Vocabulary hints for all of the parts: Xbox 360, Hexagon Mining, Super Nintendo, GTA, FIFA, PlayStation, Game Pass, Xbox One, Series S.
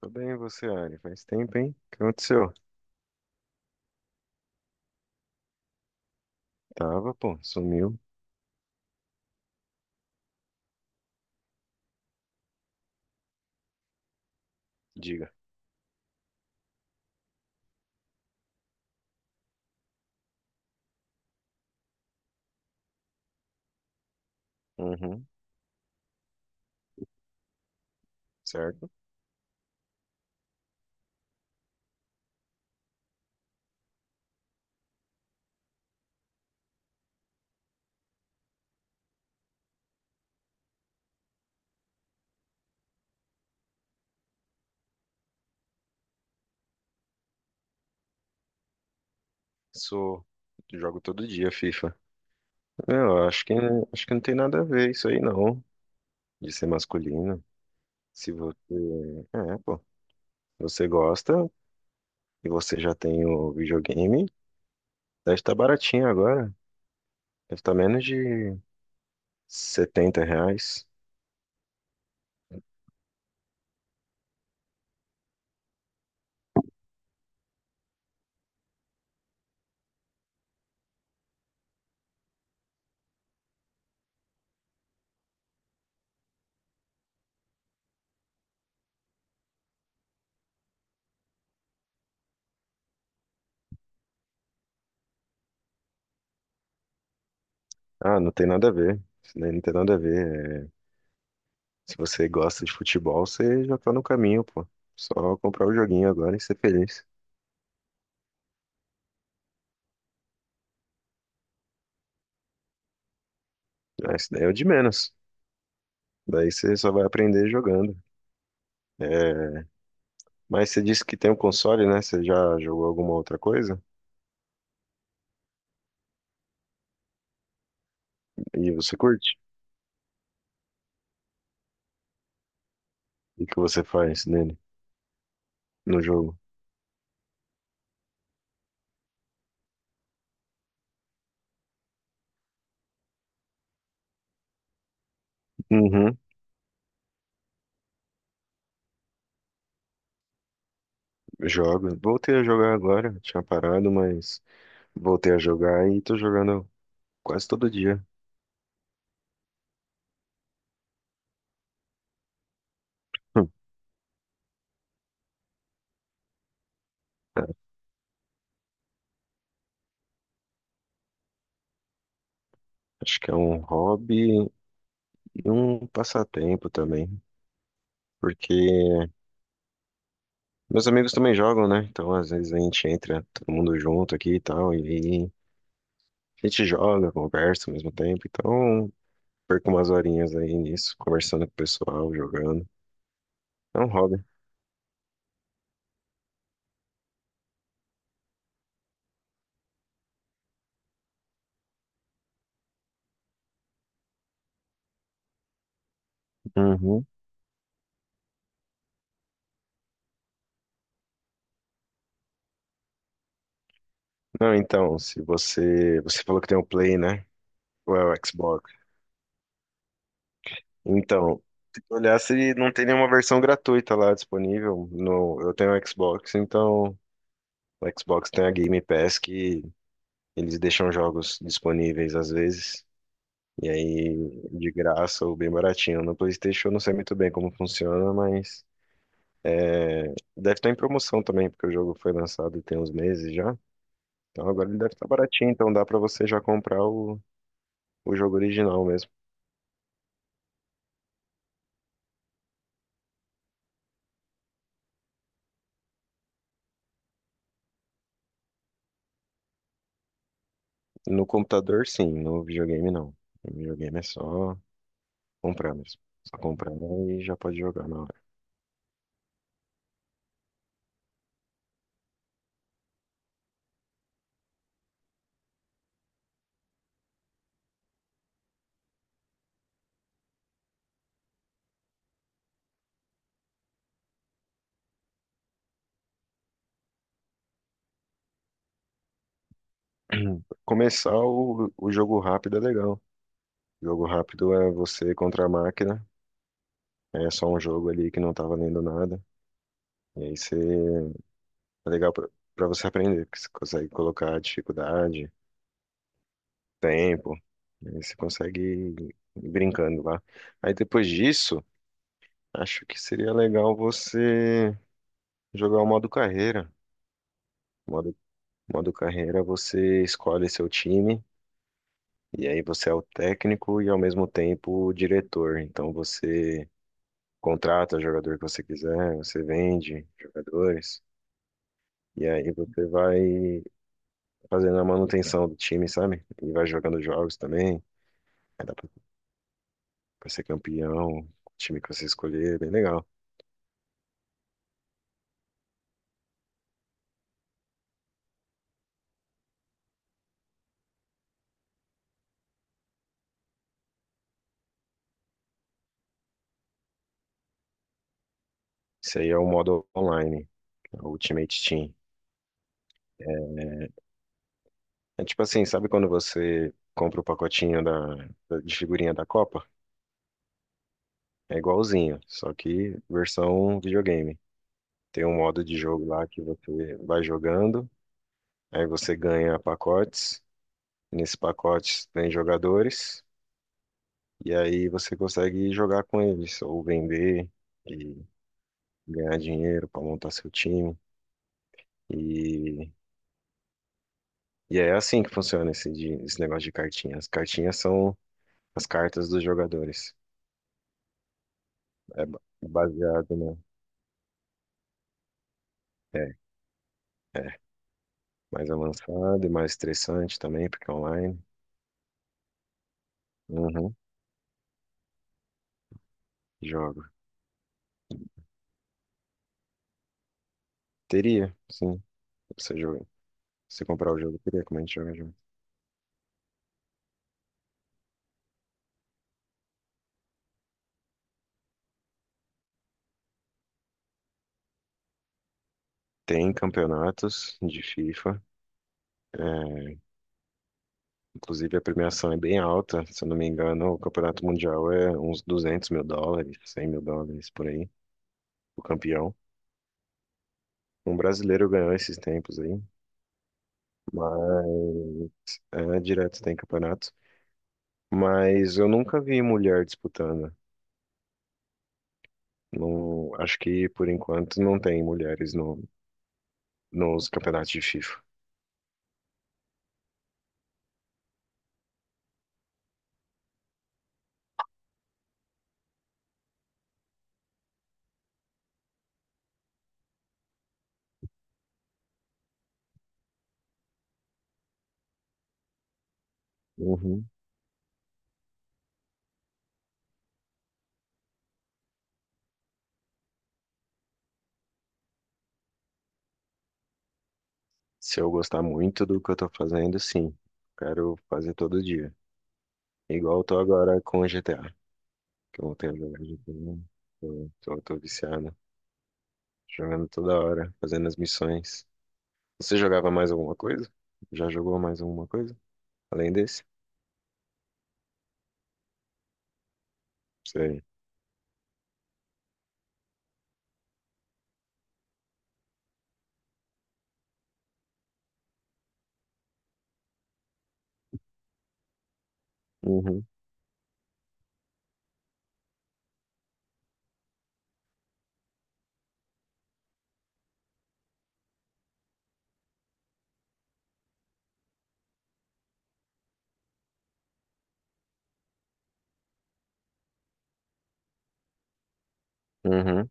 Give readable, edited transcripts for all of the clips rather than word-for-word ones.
Tô bem, e você, Ari. Faz tempo, hein? O que aconteceu? Tava, pô, sumiu. Diga. Uhum, certo? Sou. Jogo todo dia FIFA. Eu acho que não tem nada a ver isso aí, não. De ser masculino. Se você. É, pô. Você gosta e você já tem o videogame, deve estar baratinho agora. Deve estar menos de R$ 70. Ah, não tem nada a ver. Isso daí não tem nada a ver. Se você gosta de futebol, você já tá no caminho, pô. Só comprar o joguinho agora e ser feliz. Ah, isso daí é o de menos. Daí você só vai aprender jogando. É, Mas você disse que tem um console, né? Você já jogou alguma outra coisa? E você curte? E o que você faz nele, no jogo? Uhum, jogo. Voltei a jogar agora. Tinha parado, mas voltei a jogar e tô jogando quase todo dia. Acho que é um hobby e um passatempo também, porque meus amigos também jogam, né? Então, às vezes a gente entra todo mundo junto aqui e tal, e a gente joga, conversa ao mesmo tempo. Então, perco umas horinhas aí nisso, conversando com o pessoal, jogando. É um hobby. Uhum. Não, então, se você. Você falou que tem um Play, né? Ou é o Xbox? Então, se tu olhar se não tem nenhuma versão gratuita lá disponível. No... Eu tenho o Xbox, então. O Xbox tem a Game Pass que eles deixam jogos disponíveis às vezes. E aí, de graça ou bem baratinho. No PlayStation eu não sei muito bem como funciona, mas é, deve estar em promoção também, porque o jogo foi lançado tem uns meses já. Então agora ele deve estar baratinho, então dá pra você já comprar o jogo original mesmo. No computador, sim, no videogame não. No videogame é só comprar mesmo. Só comprar e já pode jogar na hora. Começar o jogo rápido é legal. Jogo rápido é você contra a máquina. É só um jogo ali que não tá valendo nada. E aí você é legal pra você aprender, porque você consegue colocar dificuldade, tempo, né? Você consegue ir brincando lá. Aí depois disso, acho que seria legal você jogar o modo carreira. Modo, modo carreira, você escolhe seu time, e aí você é o técnico e ao mesmo tempo o diretor. Então você contrata o jogador que você quiser, você vende jogadores. E aí você vai fazendo a manutenção do time, sabe? E vai jogando jogos também. Pra ser campeão, o time que você escolher, é bem legal. Isso aí é o modo online, é o Ultimate Team. É tipo assim, sabe quando você compra o pacotinho de figurinha da Copa? É igualzinho, só que versão videogame. Tem um modo de jogo lá que você vai jogando, aí você ganha pacotes. Nesses pacotes tem jogadores, e aí você consegue jogar com eles, ou vender e ganhar dinheiro para montar seu time. E e é assim que funciona esse negócio de cartinha. As cartinhas são as cartas dos jogadores. É baseado, né? É, é. Mais avançado e mais estressante também, porque é online. Uhum. Jogo. Teria, sim. Você joga. Se comprar o jogo, teria como a gente joga junto. Tem campeonatos de FIFA. é, Inclusive a premiação é bem alta. Se eu não me engano, o campeonato mundial é uns US$ 200.000, US$ 100.000 por aí. O campeão. Um brasileiro ganhou esses tempos aí. Mas direto tem campeonato. Mas eu nunca vi mulher disputando. Não, acho que por enquanto não tem mulheres no, nos campeonatos de FIFA. Uhum. Se eu gostar muito do que eu tô fazendo, sim. Quero fazer todo dia. Igual eu tô agora com o GTA, que eu voltei a jogar GTA. Tô viciado. Jogando toda hora, fazendo as missões. Você jogava mais alguma coisa? Já jogou mais alguma coisa? Além desse? Sei. Uhum. Uhum.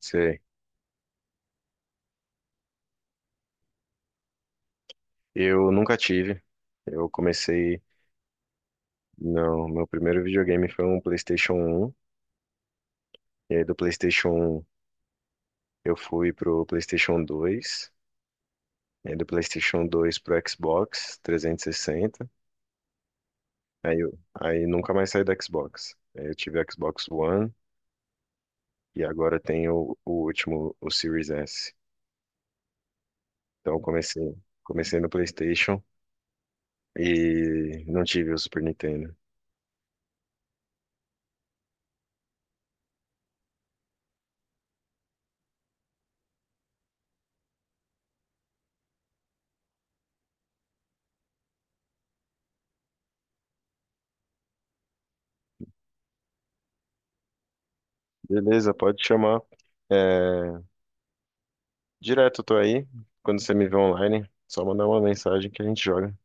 Sei. Eu nunca tive. Eu comecei. Não, meu primeiro videogame foi um PlayStation um. E aí do PlayStation 1 eu fui pro PlayStation dois. E aí do PlayStation dois pro Xbox 360. Aí, aí nunca mais saí do Xbox. Aí eu tive Xbox One e agora tenho o último, o Series S. Então eu comecei no PlayStation e não tive o Super Nintendo. Beleza, pode chamar. É, direto, tô aí. Quando você me vê online, só mandar uma mensagem que a gente joga.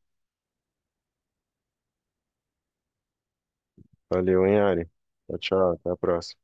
Valeu, hein, Ari? Tchau, tchau. Até a próxima.